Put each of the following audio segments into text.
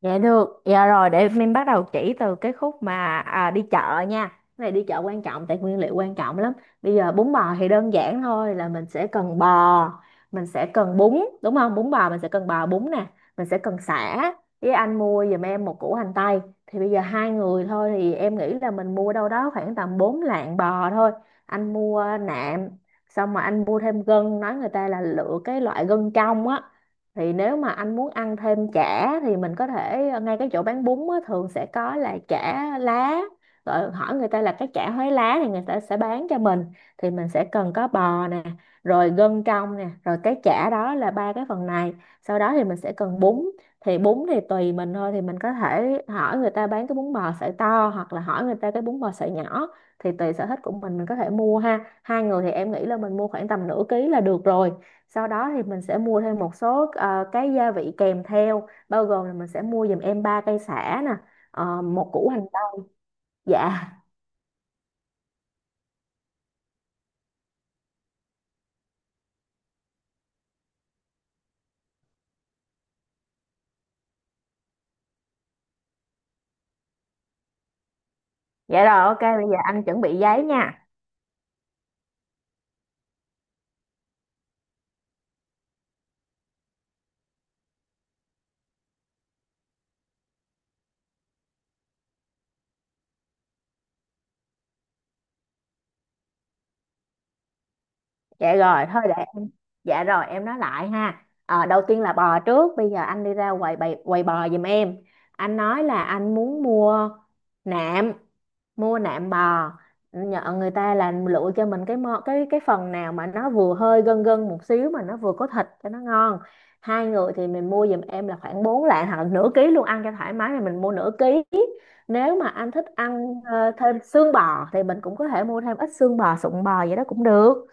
Dạ được, dạ rồi để mình bắt đầu chỉ từ cái khúc đi chợ nha. Cái này đi chợ quan trọng tại nguyên liệu quan trọng lắm. Bây giờ bún bò thì đơn giản thôi là mình sẽ cần bò, mình sẽ cần bún, đúng không? Bún bò mình sẽ cần bò bún nè, mình sẽ cần sả. Với anh mua giùm em một củ hành tây. Thì bây giờ hai người thôi thì em nghĩ là mình mua đâu đó khoảng tầm 4 lạng bò thôi. Anh mua nạm, xong mà anh mua thêm gân, nói người ta là lựa cái loại gân trong á thì nếu mà anh muốn ăn thêm chả thì mình có thể ngay cái chỗ bán bún á, thường sẽ có là chả lá, rồi hỏi người ta là cái chả Huế lá thì người ta sẽ bán cho mình. Thì mình sẽ cần có bò nè, rồi gân trong nè, rồi cái chả đó, là ba cái phần này. Sau đó thì mình sẽ cần bún. Thì bún thì tùy mình thôi, thì mình có thể hỏi người ta bán cái bún bò sợi to hoặc là hỏi người ta cái bún bò sợi nhỏ, thì tùy sở thích của mình. Mình có thể mua ha, hai người thì em nghĩ là mình mua khoảng tầm nửa ký là được rồi. Sau đó thì mình sẽ mua thêm một số cái gia vị kèm theo, bao gồm là mình sẽ mua giùm em 3 cây sả nè, một củ hành tây. Dạ, dạ rồi, ok, bây giờ anh chuẩn bị giấy nha. Dạ rồi, thôi để em. Dạ rồi, em nói lại ha. Ờ, đầu tiên là bò trước, bây giờ anh đi ra quầy bò giùm em. Anh nói là anh muốn nạm mua nạm bò, nhờ người ta là lựa cho mình cái mô, cái phần nào mà nó vừa hơi gân gân một xíu mà nó vừa có thịt cho nó ngon. Hai người thì mình mua giùm em là khoảng 4 lạng hoặc là nửa ký luôn, ăn cho thoải mái thì mình mua nửa ký. Nếu mà anh thích ăn thêm xương bò thì mình cũng có thể mua thêm ít xương bò, sụn bò vậy đó cũng được.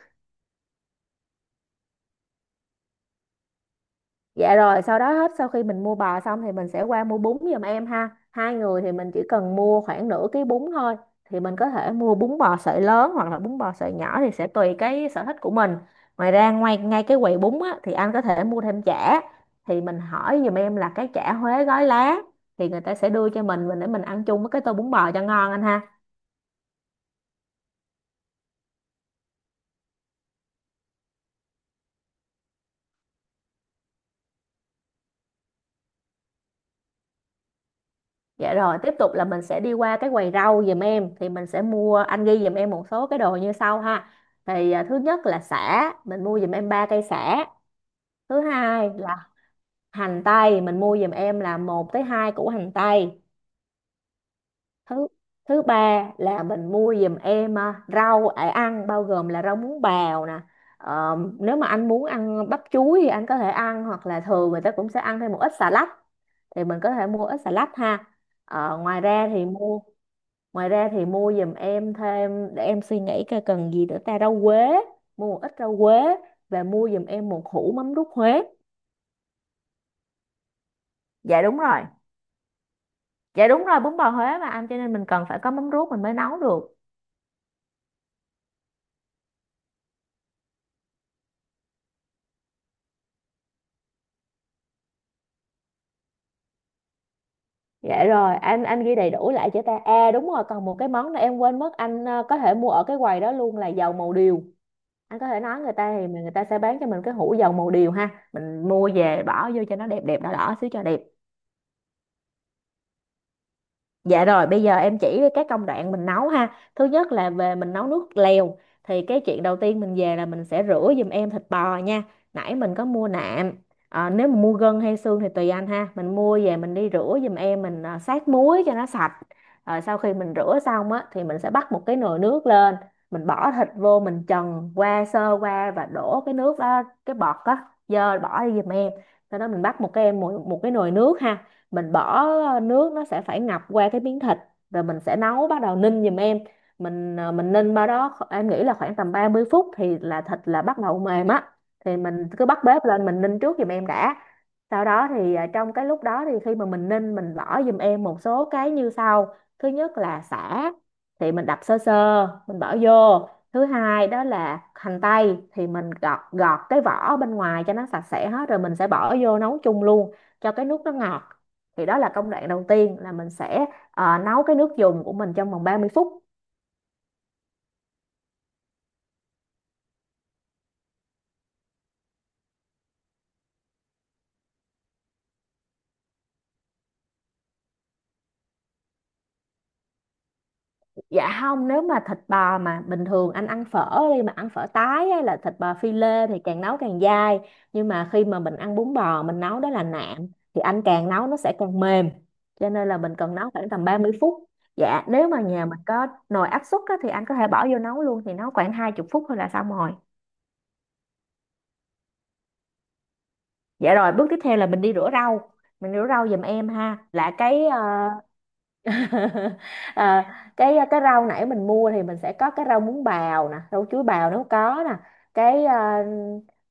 Dạ rồi, sau đó hết, sau khi mình mua bò xong thì mình sẽ qua mua bún giùm em ha. Hai người thì mình chỉ cần mua khoảng nửa ký bún thôi. Thì mình có thể mua bún bò sợi lớn hoặc là bún bò sợi nhỏ, thì sẽ tùy cái sở thích của mình. Ngoài ra ngoài Ngay cái quầy bún á, thì anh có thể mua thêm chả. Thì mình hỏi giùm em là cái chả Huế gói lá, thì người ta sẽ đưa cho mình để mình ăn chung với cái tô bún bò cho ngon anh ha. Dạ rồi, tiếp tục là mình sẽ đi qua cái quầy rau giùm em, thì mình sẽ mua, anh ghi giùm em một số cái đồ như sau ha. Thì à, thứ nhất là sả, mình mua giùm em ba cây sả. Thứ hai là hành tây, mình mua giùm em là một tới hai củ hành tây. Thứ thứ ba là mình mua giùm em à, rau để ăn, bao gồm là rau muống bào nè. Ờ, nếu mà anh muốn ăn bắp chuối thì anh có thể ăn, hoặc là thường người ta cũng sẽ ăn thêm một ít xà lách, thì mình có thể mua ít xà lách ha. Ờ, ngoài ra thì mua Ngoài ra thì mua giùm em thêm, để em suy nghĩ coi cần gì nữa ta, rau quế, mua một ít rau quế, và mua giùm em một hũ mắm ruốc Huế. Dạ đúng rồi. Dạ đúng rồi, bún bò Huế mà anh, cho nên mình cần phải có mắm ruốc mình mới nấu được. Dạ rồi, anh ghi đầy đủ lại cho ta. À đúng rồi, còn một cái món nữa em quên mất, anh có thể mua ở cái quầy đó luôn, là dầu màu điều. Anh có thể nói người ta thì người ta sẽ bán cho mình cái hũ dầu màu điều ha. Mình mua về bỏ vô cho nó đẹp, đẹp đỏ đỏ xíu cho đẹp. Dạ rồi, bây giờ em chỉ các công đoạn mình nấu ha. Thứ nhất là về mình nấu nước lèo. Thì cái chuyện đầu tiên mình về là mình sẽ rửa giùm em thịt bò nha. Nãy mình có mua nạm. Ờ, nếu mà mua gân hay xương thì tùy anh ha. Mình mua về mình đi rửa giùm em, mình sát muối cho nó sạch. Rồi sau khi mình rửa xong á, thì mình sẽ bắt một cái nồi nước lên. Mình bỏ thịt vô, mình trần qua sơ qua và đổ cái nước đó, cái bọt á, dơ, bỏ đi giùm em. Sau đó mình bắt một cái em một cái nồi nước ha, mình bỏ nước nó sẽ phải ngập qua cái miếng thịt, rồi mình sẽ nấu, bắt đầu ninh giùm em. Mình mình ninh em nghĩ là khoảng tầm 30 phút thì là thịt là bắt đầu mềm á, thì mình cứ bắt bếp lên mình ninh trước giùm em đã. Sau đó thì trong cái lúc đó, thì khi mà mình ninh, mình bỏ giùm em một số cái như sau. Thứ nhất là sả, thì mình đập sơ sơ mình bỏ vô. Thứ hai đó là hành tây, thì mình gọt, gọt cái vỏ bên ngoài cho nó sạch sẽ hết rồi mình sẽ bỏ vô nấu chung luôn cho cái nước nó ngọt. Thì đó là công đoạn đầu tiên, là mình sẽ nấu cái nước dùng của mình trong vòng 30 phút. Dạ không, nếu mà thịt bò mà bình thường anh ăn phở, đi mà ăn phở tái hay là thịt bò phi lê thì càng nấu càng dai. Nhưng mà khi mà mình ăn bún bò mình nấu đó là nạm, thì anh càng nấu nó sẽ càng mềm. Cho nên là mình cần nấu khoảng tầm 30 phút. Dạ, nếu mà nhà mình có nồi áp suất á, thì anh có thể bỏ vô nấu luôn thì nấu khoảng 20 phút thôi là xong rồi. Dạ rồi, bước tiếp theo là mình đi rửa rau. Mình rửa rau giùm em ha. À, cái rau nãy mình mua, thì mình sẽ có cái rau muống bào nè, rau chuối bào nếu có nè, cái à,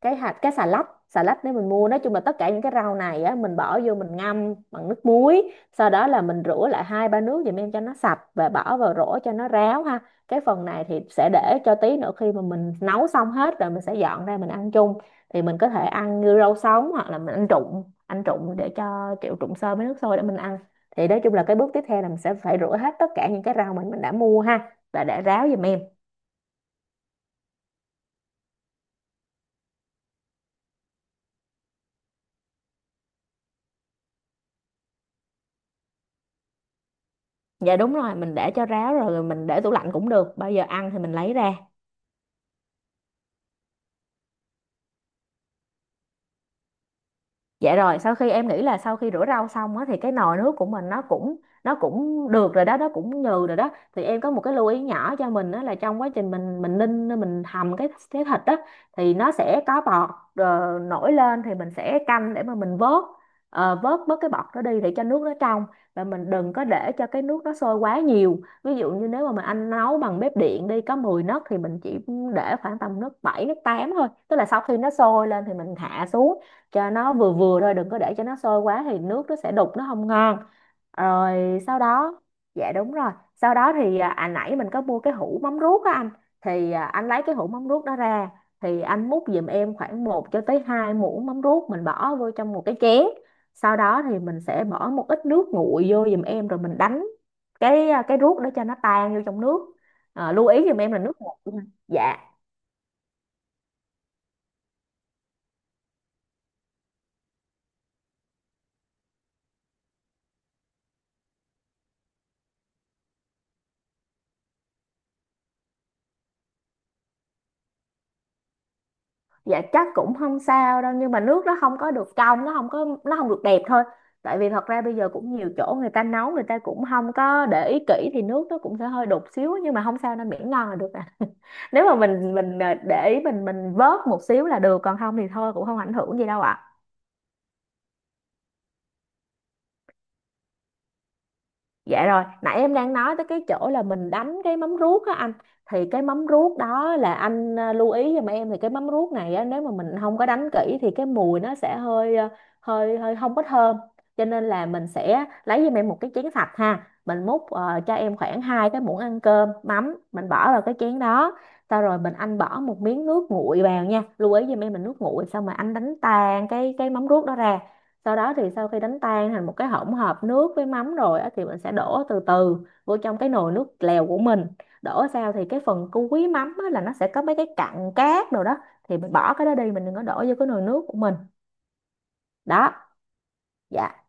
cái xà lách, nếu mình mua, nói chung là tất cả những cái rau này á, mình bỏ vô mình ngâm bằng nước muối, sau đó là mình rửa lại hai ba nước giùm em cho nó sạch và bỏ vào rổ cho nó ráo ha. Cái phần này thì sẽ để cho tí nữa, khi mà mình nấu xong hết rồi mình sẽ dọn ra mình ăn chung. Thì mình có thể ăn như rau sống, hoặc là mình ăn trụng, ăn trụng để cho kiểu trụng sơ với nước sôi để mình ăn. Thì nói chung là cái bước tiếp theo là mình sẽ phải rửa hết tất cả những cái rau mình đã mua ha, và để ráo giùm em. Dạ đúng rồi, mình để cho ráo rồi mình để tủ lạnh cũng được, bao giờ ăn thì mình lấy ra. Dạ rồi, sau khi em nghĩ là sau khi rửa rau xong á, thì cái nồi nước của mình nó cũng được rồi đó, nó cũng nhừ rồi đó. Thì em có một cái lưu ý nhỏ cho mình, đó là trong quá trình mình ninh mình hầm cái thịt á, thì nó sẽ có bọt nổi lên, thì mình sẽ canh để mà mình vớt vớt bớt cái bọt đó đi để cho nước nó trong. Và mình đừng có để cho cái nước nó sôi quá nhiều. Ví dụ như nếu mà mình ăn nấu bằng bếp điện đi, có 10 nấc thì mình chỉ để khoảng tầm nấc 7 nấc 8 thôi. Tức là sau khi nó sôi lên thì mình hạ xuống cho nó vừa vừa thôi, đừng có để cho nó sôi quá thì nước nó sẽ đục, nó không ngon. Rồi sau đó, dạ, đúng rồi, sau đó thì nãy mình có mua cái hũ mắm ruốc á anh, thì anh lấy cái hũ mắm ruốc đó ra, thì anh múc giùm em khoảng một cho tới 2 muỗng mắm ruốc, mình bỏ vô trong một cái chén. Sau đó thì mình sẽ bỏ một ít nước nguội vô giùm em, rồi mình đánh cái cái ruốc để cho nó tan vô trong nước. À, lưu ý giùm em là nước nguội nha. Dạ, dạ chắc cũng không sao đâu, nhưng mà nước nó không có được trong, nó không có, nó không được đẹp thôi. Tại vì thật ra bây giờ cũng nhiều chỗ người ta nấu, người ta cũng không có để ý kỹ thì nước nó cũng sẽ hơi đục xíu, nhưng mà không sao, nên miễn ngon là được à. Nếu mà mình để ý, mình vớt một xíu là được, còn không thì thôi cũng không ảnh hưởng gì đâu ạ. Dạ rồi, nãy em đang nói tới cái chỗ là mình đánh cái móng ruốc á anh. Thì cái móng ruốc đó là anh, lưu ý giùm em. Thì cái móng ruốc này á, nếu mà mình không có đánh kỹ thì cái mùi nó sẽ hơi, hơi hơi không có thơm. Cho nên là mình sẽ lấy giùm em một cái chén sạch ha. Mình múc cho em khoảng hai cái muỗng ăn cơm mắm, mình bỏ vào cái chén đó. Sau rồi anh bỏ một miếng nước nguội vào nha. Lưu ý giùm em mình nước nguội. Xong mà anh đánh tan cái móng ruốc đó ra. Sau đó thì sau khi đánh tan thành một cái hỗn hợp nước với mắm rồi á, thì mình sẽ đổ từ từ vô trong cái nồi nước lèo của mình. Đổ sao thì cái phần cuối mắm á, là nó sẽ có mấy cái cặn cát rồi đó, thì mình bỏ cái đó đi, mình đừng có đổ vô cái nồi nước của mình. Đó, dạ.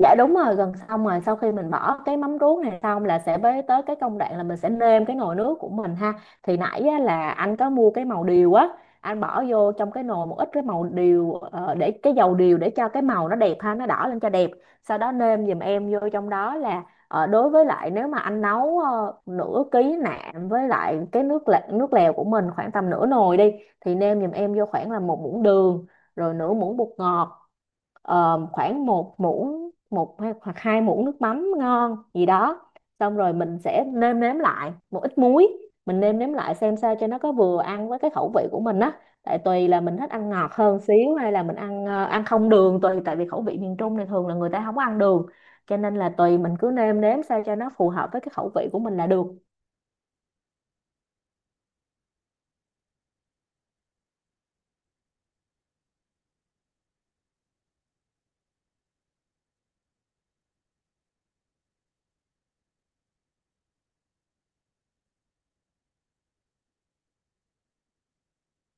Dạ đúng rồi, gần xong rồi, sau khi mình bỏ cái mắm ruốc này xong là sẽ bế tới cái công đoạn là mình sẽ nêm cái nồi nước của mình ha. Thì nãy á, là anh có mua cái màu điều á, anh bỏ vô trong cái nồi một ít cái màu điều, để cái dầu điều để cho cái màu nó đẹp ha, nó đỏ lên cho đẹp. Sau đó nêm giùm em vô trong đó là đối với lại nếu mà anh nấu nửa ký nạm với lại cái nước lè, nước lèo của mình khoảng tầm nửa nồi đi, thì nêm giùm em vô khoảng là một muỗng đường, rồi nửa muỗng bột ngọt, khoảng một muỗng một hay- hoặc hai muỗng nước mắm ngon gì đó, xong rồi mình sẽ nêm nếm lại một ít muối. Mình nêm nếm lại xem sao cho nó có vừa ăn với cái khẩu vị của mình á. Tại tùy là mình thích ăn ngọt hơn xíu, hay là mình ăn ăn không đường, tùy, tại vì khẩu vị miền Trung này thường là người ta không có ăn đường, cho nên là tùy mình cứ nêm nếm sao cho nó phù hợp với cái khẩu vị của mình là được.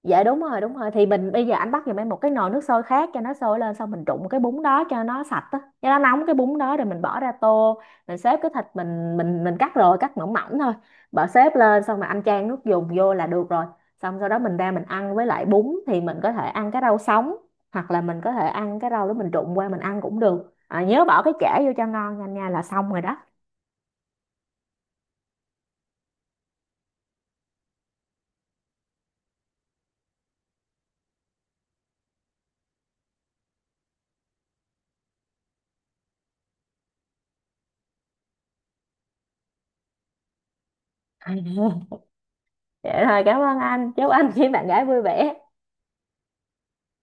Dạ đúng rồi, đúng rồi, thì mình bây giờ anh bắt giùm em một cái nồi nước sôi khác, cho nó sôi lên, xong mình trụng cái bún đó cho nó sạch á, cho nó nóng cái bún đó rồi mình bỏ ra tô. Mình xếp cái thịt mình mình cắt rồi, cắt mỏng mỏng thôi, bỏ xếp lên, xong mà anh chan nước dùng vô là được rồi. Xong sau đó mình ra mình ăn với lại bún, thì mình có thể ăn cái rau sống, hoặc là mình có thể ăn cái rau đó mình trụng qua mình ăn cũng được. À, nhớ bỏ cái chả vô cho ngon nha anh nha, là xong rồi đó. Vậy thôi, cảm ơn anh, chúc anh với bạn gái vui vẻ.